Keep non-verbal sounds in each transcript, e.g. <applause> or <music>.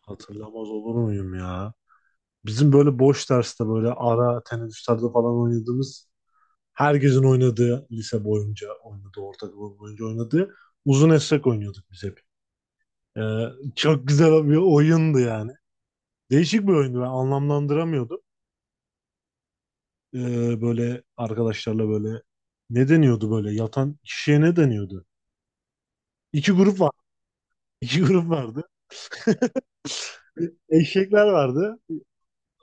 Hatırlamaz olur muyum ya? Bizim böyle boş derste böyle ara teneffüslerde falan oynadığımız herkesin oynadığı lise boyunca oynadığı ortaokul boyunca oynadığı uzun esrek oynuyorduk biz hep. Ee, Çok güzel bir oyundu yani. Değişik bir oyundu, ben anlamlandıramıyordum. Böyle arkadaşlarla böyle ne deniyordu, böyle yatan kişiye ne deniyordu? İki grup var. <laughs> İki grup vardı. Eşekler vardı.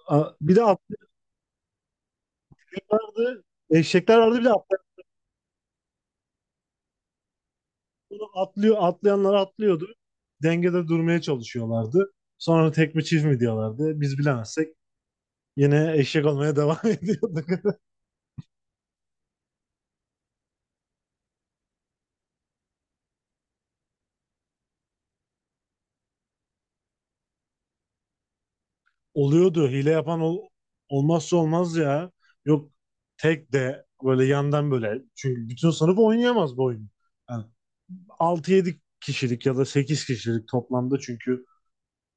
Bir de atlı vardı. Eşekler vardı, bir de atlı. Bunu atlıyor, atlayanlar atlıyordu. Dengede durmaya çalışıyorlardı. Sonra tek mi çift mi diyorlardı. Biz bilemezsek yine eşek olmaya devam <laughs> ediyorduk. Oluyordu. Hile yapan olmazsa olmaz ya. Yok, tek de böyle yandan böyle. Çünkü bütün sınıf oynayamaz bu oyunu. Yani 6-7 kişilik ya da 8 kişilik toplamda, çünkü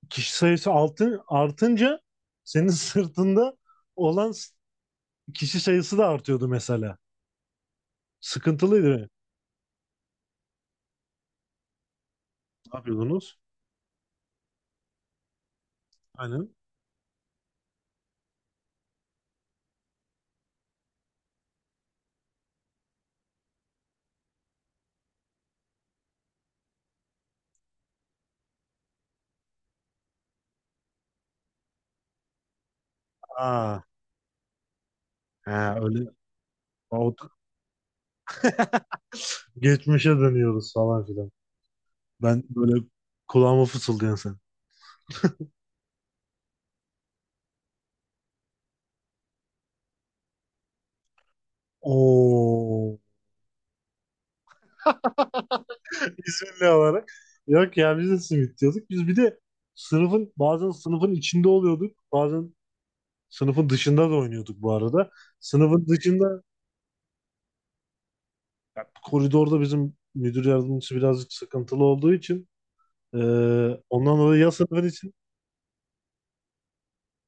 kişi sayısı artınca senin <laughs> sırtında olan kişi sayısı da artıyordu mesela. Sıkıntılıydı. Ne yapıyordunuz? Aynen. Aa, ha, öyle, o- geçmişe dönüyoruz falan filan. Ben böyle kulağıma fısıldayan sen. Oo. İzmirli olarak. Yok ya, biz de simit diyorduk. Biz bir de sınıfın, bazen sınıfın içinde oluyorduk. Bazen sınıfın dışında da oynuyorduk bu arada. Sınıfın dışında, ya, koridorda bizim müdür yardımcısı birazcık sıkıntılı olduğu için, e, ondan dolayı ya sınıfın için.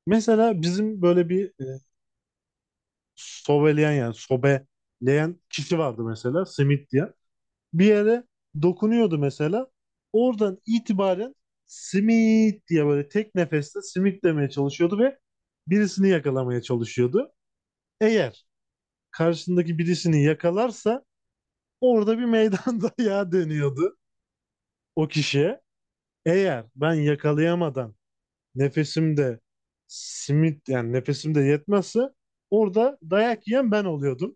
Mesela bizim böyle bir sobeleyen, yani sobeleyen kişi vardı mesela, simit diye. Bir yere dokunuyordu mesela. Oradan itibaren simit diye böyle tek nefeste simit demeye çalışıyordu ve birisini yakalamaya çalışıyordu. Eğer karşısındaki birisini yakalarsa, orada bir meydan <laughs> dayağı dönüyordu o kişiye. Eğer ben yakalayamadan nefesimde simit, yani nefesimde yetmezse, orada dayak yiyen ben oluyordum.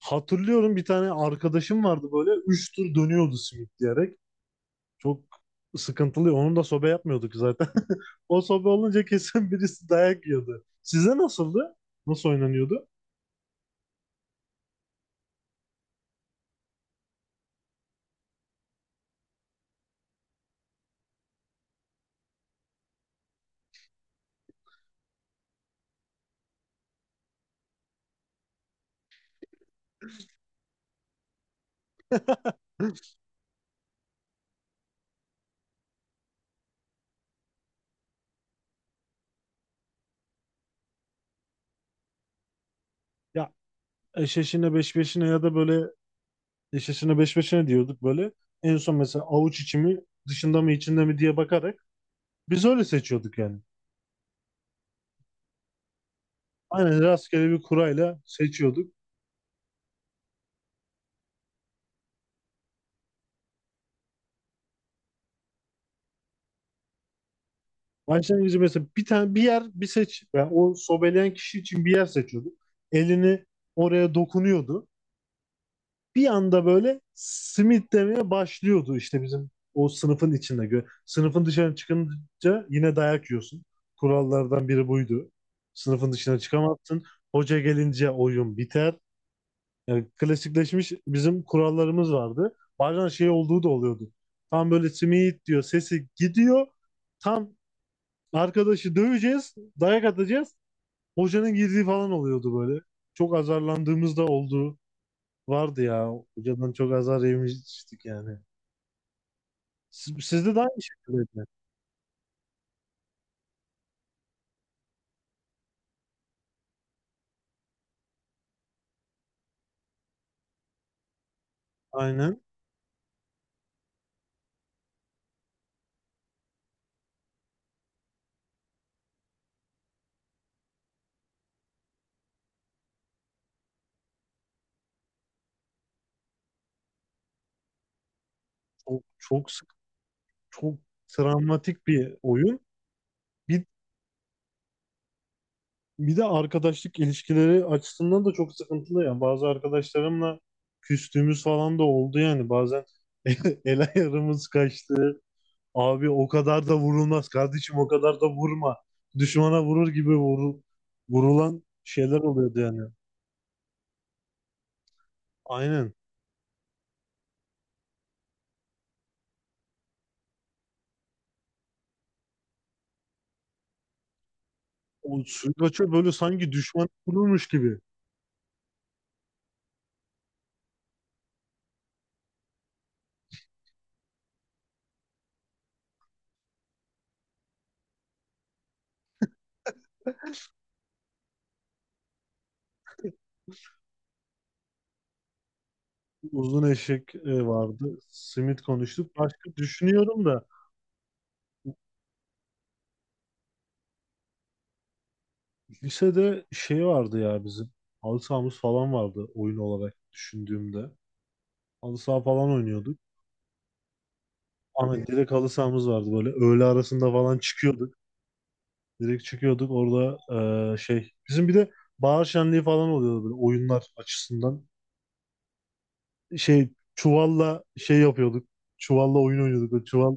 Hatırlıyorum, bir tane arkadaşım vardı, böyle 3 tur dönüyordu simit diyerek. Çok sıkıntılı. Onun da sobe yapmıyorduk zaten. <laughs> O sobe olunca kesin birisi dayak yiyordu. Size nasıldı? Nasıl oynanıyordu? <laughs> Ya, eşeşine beş beşine, ya da böyle eşeşine beş beşine diyorduk böyle. En son mesela avuç içi mi, dışında mı, içinde mi diye bakarak biz öyle seçiyorduk yani. Aynen, rastgele bir kurayla seçiyorduk. Başlangıcı mesela bir tane bir yer bir seç. Yani o sobeleyen kişi için bir yer seçiyordu. Elini oraya dokunuyordu. Bir anda böyle simit demeye başlıyordu işte, bizim o sınıfın içinde. Sınıfın dışına çıkınca yine dayak yiyorsun. Kurallardan biri buydu. Sınıfın dışına çıkamazsın. Hoca gelince oyun biter. Yani klasikleşmiş bizim kurallarımız vardı. Bazen şey olduğu da oluyordu. Tam böyle simit diyor, sesi gidiyor. Tam arkadaşı döveceğiz, dayak atacağız, hocanın girdiği falan oluyordu böyle. Çok azarlandığımız da oldu. Vardı ya. Hocadan çok azar yemiştik yani. Sizde de aynı şekilde. Aynen. Çok, çok sık, çok travmatik bir oyun. Bir, bir de arkadaşlık ilişkileri açısından da çok sıkıntılı yani. Bazı arkadaşlarımla küstüğümüz falan da oldu yani. Bazen <laughs> el ayarımız kaçtı. Abi o kadar da vurulmaz, kardeşim o kadar da vurma. Düşmana vurur gibi vurulan şeyler oluyordu yani. Aynen. O Suygaç'a böyle sanki düşman vurulmuş gibi. Uzun eşek vardı. Simit konuştuk. Başka düşünüyorum da, lisede şey vardı ya bizim. Halı sahamız falan vardı, oyun olarak düşündüğümde. Halı saha falan oynuyorduk. Ama direkt halı sahamız vardı böyle. Öğle arasında falan çıkıyorduk. Direkt çıkıyorduk orada, şey. Bizim bir de bahar şenliği falan oluyordu böyle, oyunlar açısından. Şey, çuvalla şey yapıyorduk. Çuvalla oyun oynuyorduk. O çuval.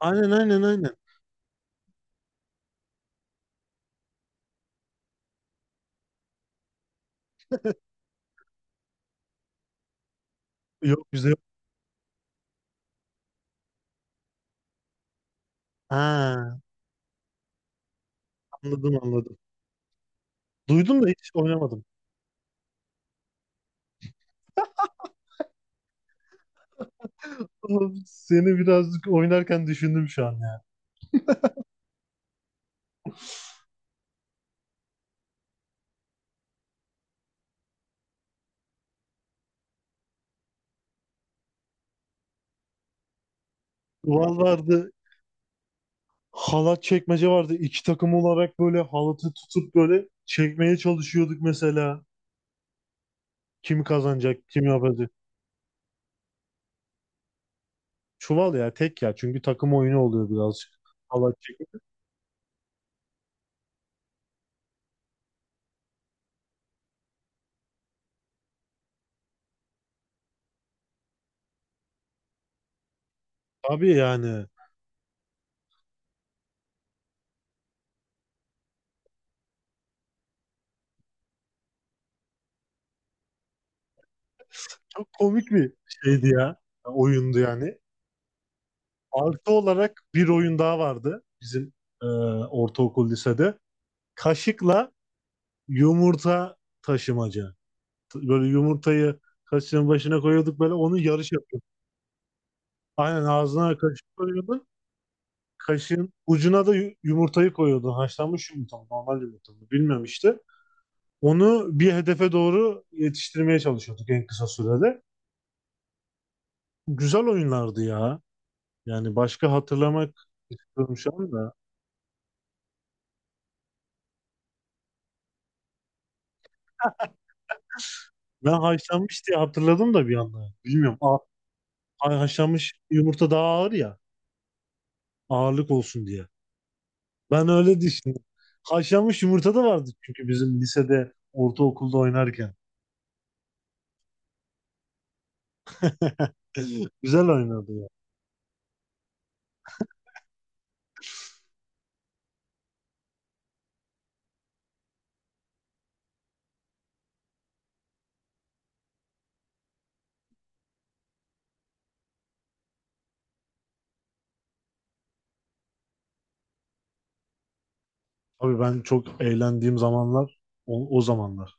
Aynen, aynen, aynen. Yok, bizde yok. Ha, anladım, anladım. Duydum da hiç oynamadım. Oğlum, seni birazcık oynarken düşündüm şu an ya. Çuval vardı. Halat çekmece vardı. İki takım olarak böyle halatı tutup böyle çekmeye çalışıyorduk mesela. Kim kazanacak, kim yapacak. Çuval ya, tek ya. Çünkü takım oyunu oluyor birazcık. Allah çekip. Tabii yani. Çok komik bir şeydi ya. Oyundu yani. Artı olarak bir oyun daha vardı bizim, ortaokul lisede. Kaşıkla yumurta taşımaca. Böyle yumurtayı kaşığın başına koyuyorduk, böyle onu yarış yapıyorduk. Aynen, ağzına kaşık koyuyordun. Kaşığın ucuna da yumurtayı koyuyordun. Haşlanmış yumurta mı, normal yumurta mı, bilmem işte. Onu bir hedefe doğru yetiştirmeye çalışıyorduk en kısa sürede. Güzel oyunlardı ya. Yani başka hatırlamak istiyorum şu anda. Ben haşlanmış diye hatırladım da bir anda. Bilmiyorum. Haşlanmış yumurta daha ağır ya. Ağırlık olsun diye. Ben öyle düşündüm. Haşlanmış yumurta da vardı çünkü bizim lisede, ortaokulda oynarken. <laughs> Güzel oynardı ya. Tabii ben çok eğlendiğim zamanlar o zamanlar.